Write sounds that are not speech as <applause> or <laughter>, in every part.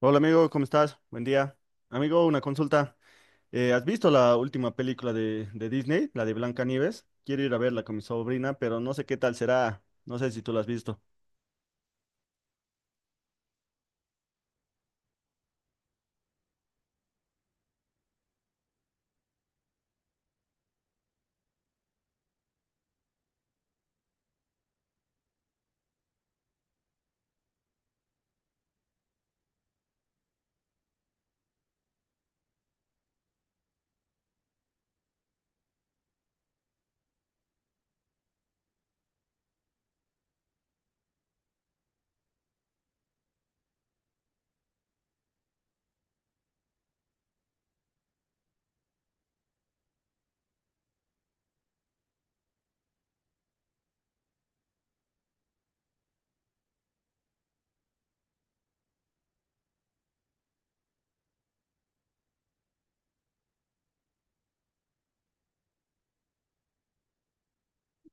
Hola amigo, ¿cómo estás? Buen día. Amigo, una consulta. ¿Has visto la última película de Disney, la de Blancanieves? Quiero ir a verla con mi sobrina, pero no sé qué tal será. No sé si tú la has visto.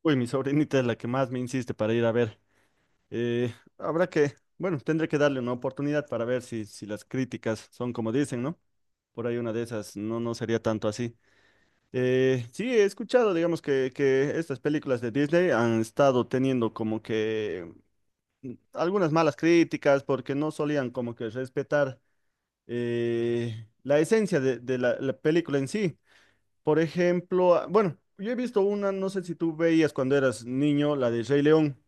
Uy, mi sobrinita es la que más me insiste para ir a ver. Bueno, tendré que darle una oportunidad para ver si las críticas son como dicen, ¿no? Por ahí una de esas no, no sería tanto así. Sí, he escuchado, digamos, que estas películas de Disney han estado teniendo como que algunas malas críticas porque no solían como que respetar la esencia de la película en sí. Por ejemplo, ah, bueno, yo he visto una, no sé si tú veías cuando eras niño, la de Rey León.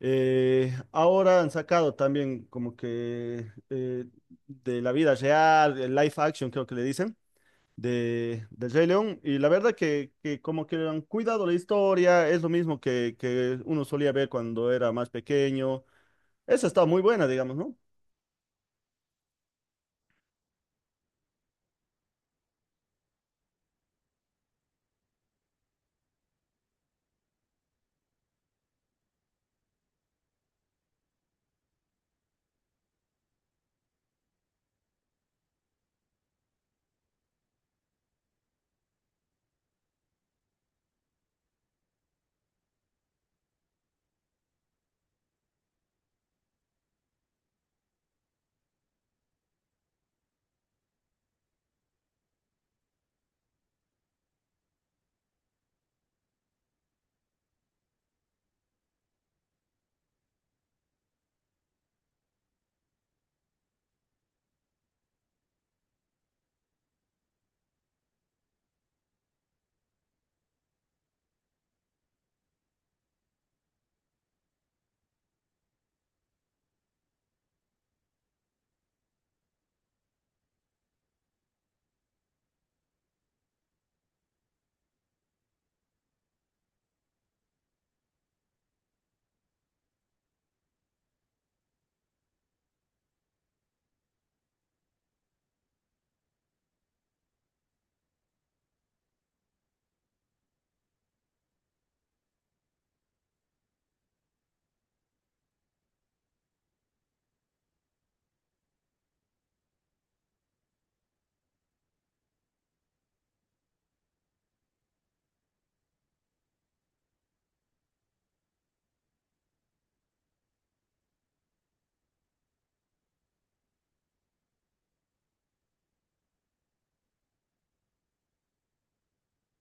Ahora han sacado también como que de la vida real, el live action creo que le dicen, de Rey León. Y la verdad que como que han cuidado la historia, es lo mismo que uno solía ver cuando era más pequeño. Esa está muy buena, digamos, ¿no?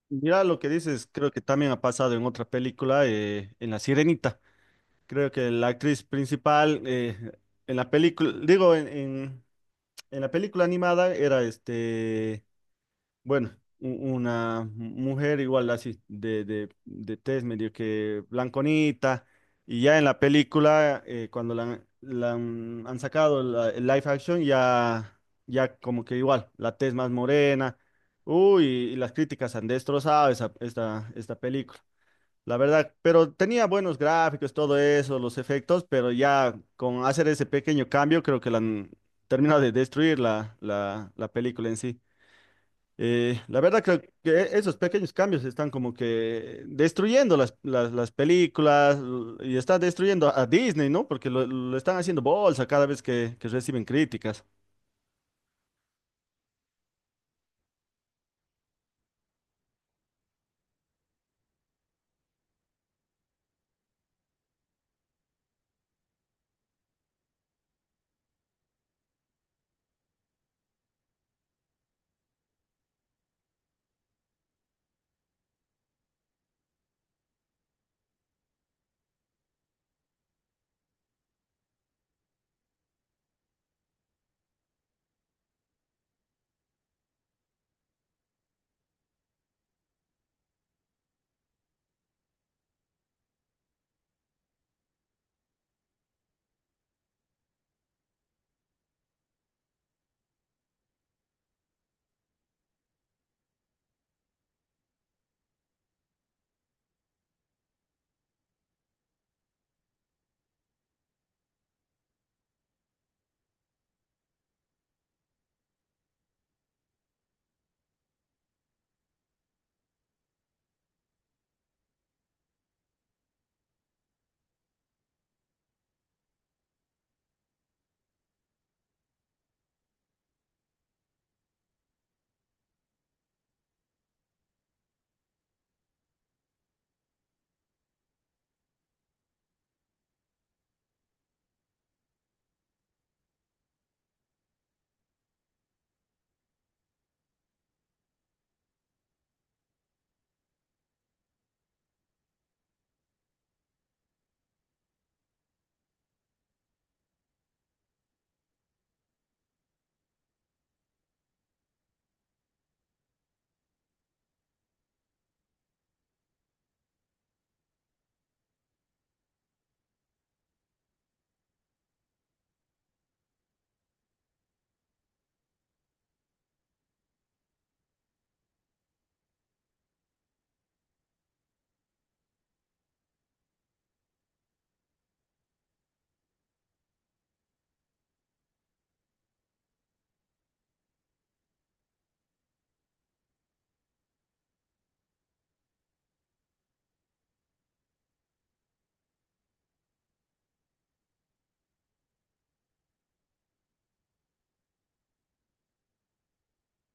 Mira lo que dices, creo que también ha pasado en otra película, en La Sirenita. Creo que la actriz principal en la película, digo, en la película animada era este. Bueno, u- una mujer igual así, de tez medio que blanconita, y ya en la película, cuando han sacado el live action, ya, ya como que igual, la tez más morena, uy, y las críticas han destrozado esta película, la verdad, pero tenía buenos gráficos, todo eso, los efectos, pero ya con hacer ese pequeño cambio, creo que la han terminado de destruir la película en sí. La verdad creo que esos pequeños cambios están como que destruyendo las películas y están destruyendo a Disney, ¿no? Porque lo están haciendo bolsa cada vez que reciben críticas.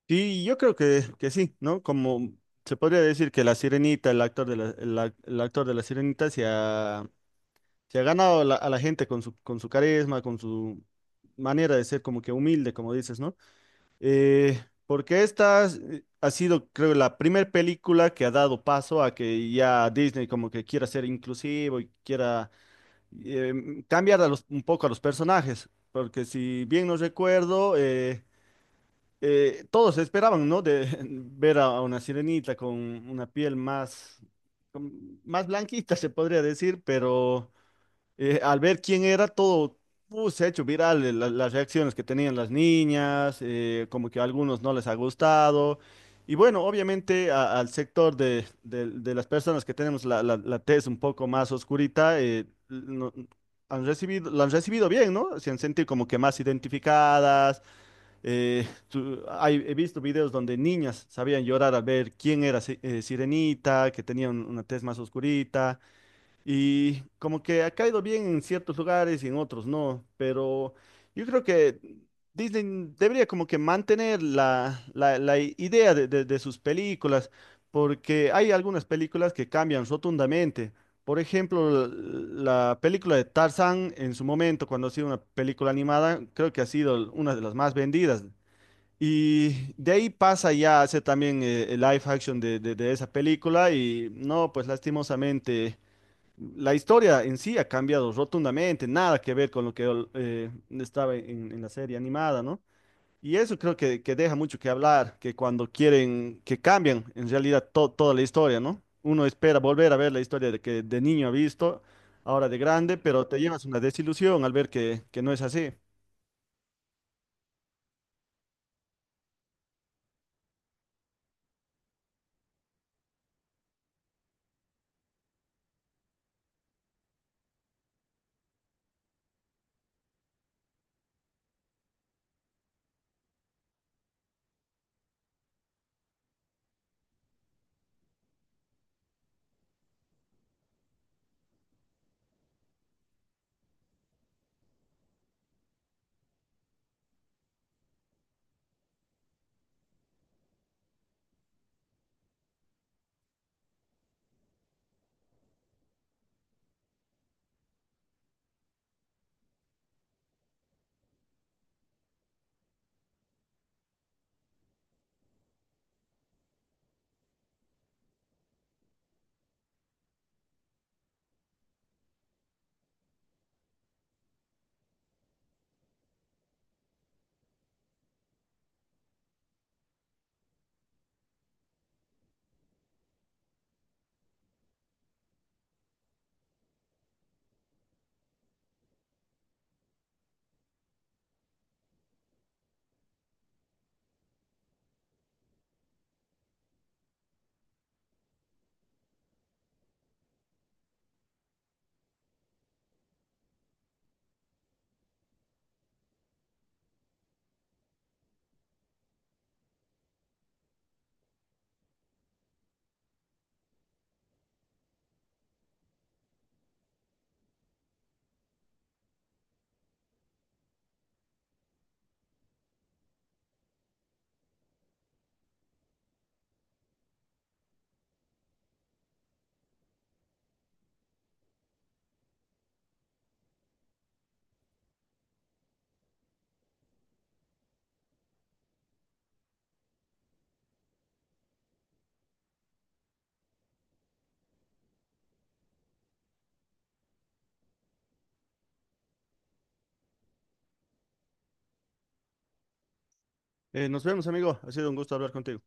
Sí, yo creo que sí, ¿no? Como se podría decir que la Sirenita, el actor de la, el actor de la Sirenita se ha ganado a la gente con su carisma, con su manera de ser como que humilde, como dices, ¿no? Porque ha sido, creo, la primera película que ha dado paso a que ya Disney como que quiera ser inclusivo y quiera cambiar a un poco a los personajes. Porque si bien no recuerdo, todos esperaban, ¿no? De <laughs> ver a una sirenita con una piel más, más blanquita, se podría decir, pero al ver quién era todo, se ha hecho viral las reacciones que tenían las niñas, como que a algunos no les ha gustado. Y bueno, obviamente al sector de las personas que tenemos la tez un poco más oscurita, han recibido, la han recibido bien, ¿no? Se han sentido como que más identificadas. Tu- hay- he visto videos donde niñas sabían llorar al ver quién era Sirenita, que tenía una tez más oscurita. Y como que ha caído bien en ciertos lugares y en otros no, pero yo creo que Disney debería como que mantener la idea de sus películas, porque hay algunas películas que cambian rotundamente. Por ejemplo, la película de Tarzán en su momento, cuando ha sido una película animada, creo que ha sido una de las más vendidas. Y de ahí pasa ya a hacer también el live action de esa película y no, pues lastimosamente. La historia en sí ha cambiado rotundamente, nada que ver con lo que estaba en la serie animada, ¿no? Y eso creo que deja mucho que hablar, que cuando quieren que cambian en realidad toda la historia, ¿no? Uno espera volver a ver la historia de que de niño ha visto, ahora de grande, pero te llevas una desilusión al ver que no es así. Nos vemos, amigo. Ha sido un gusto hablar contigo.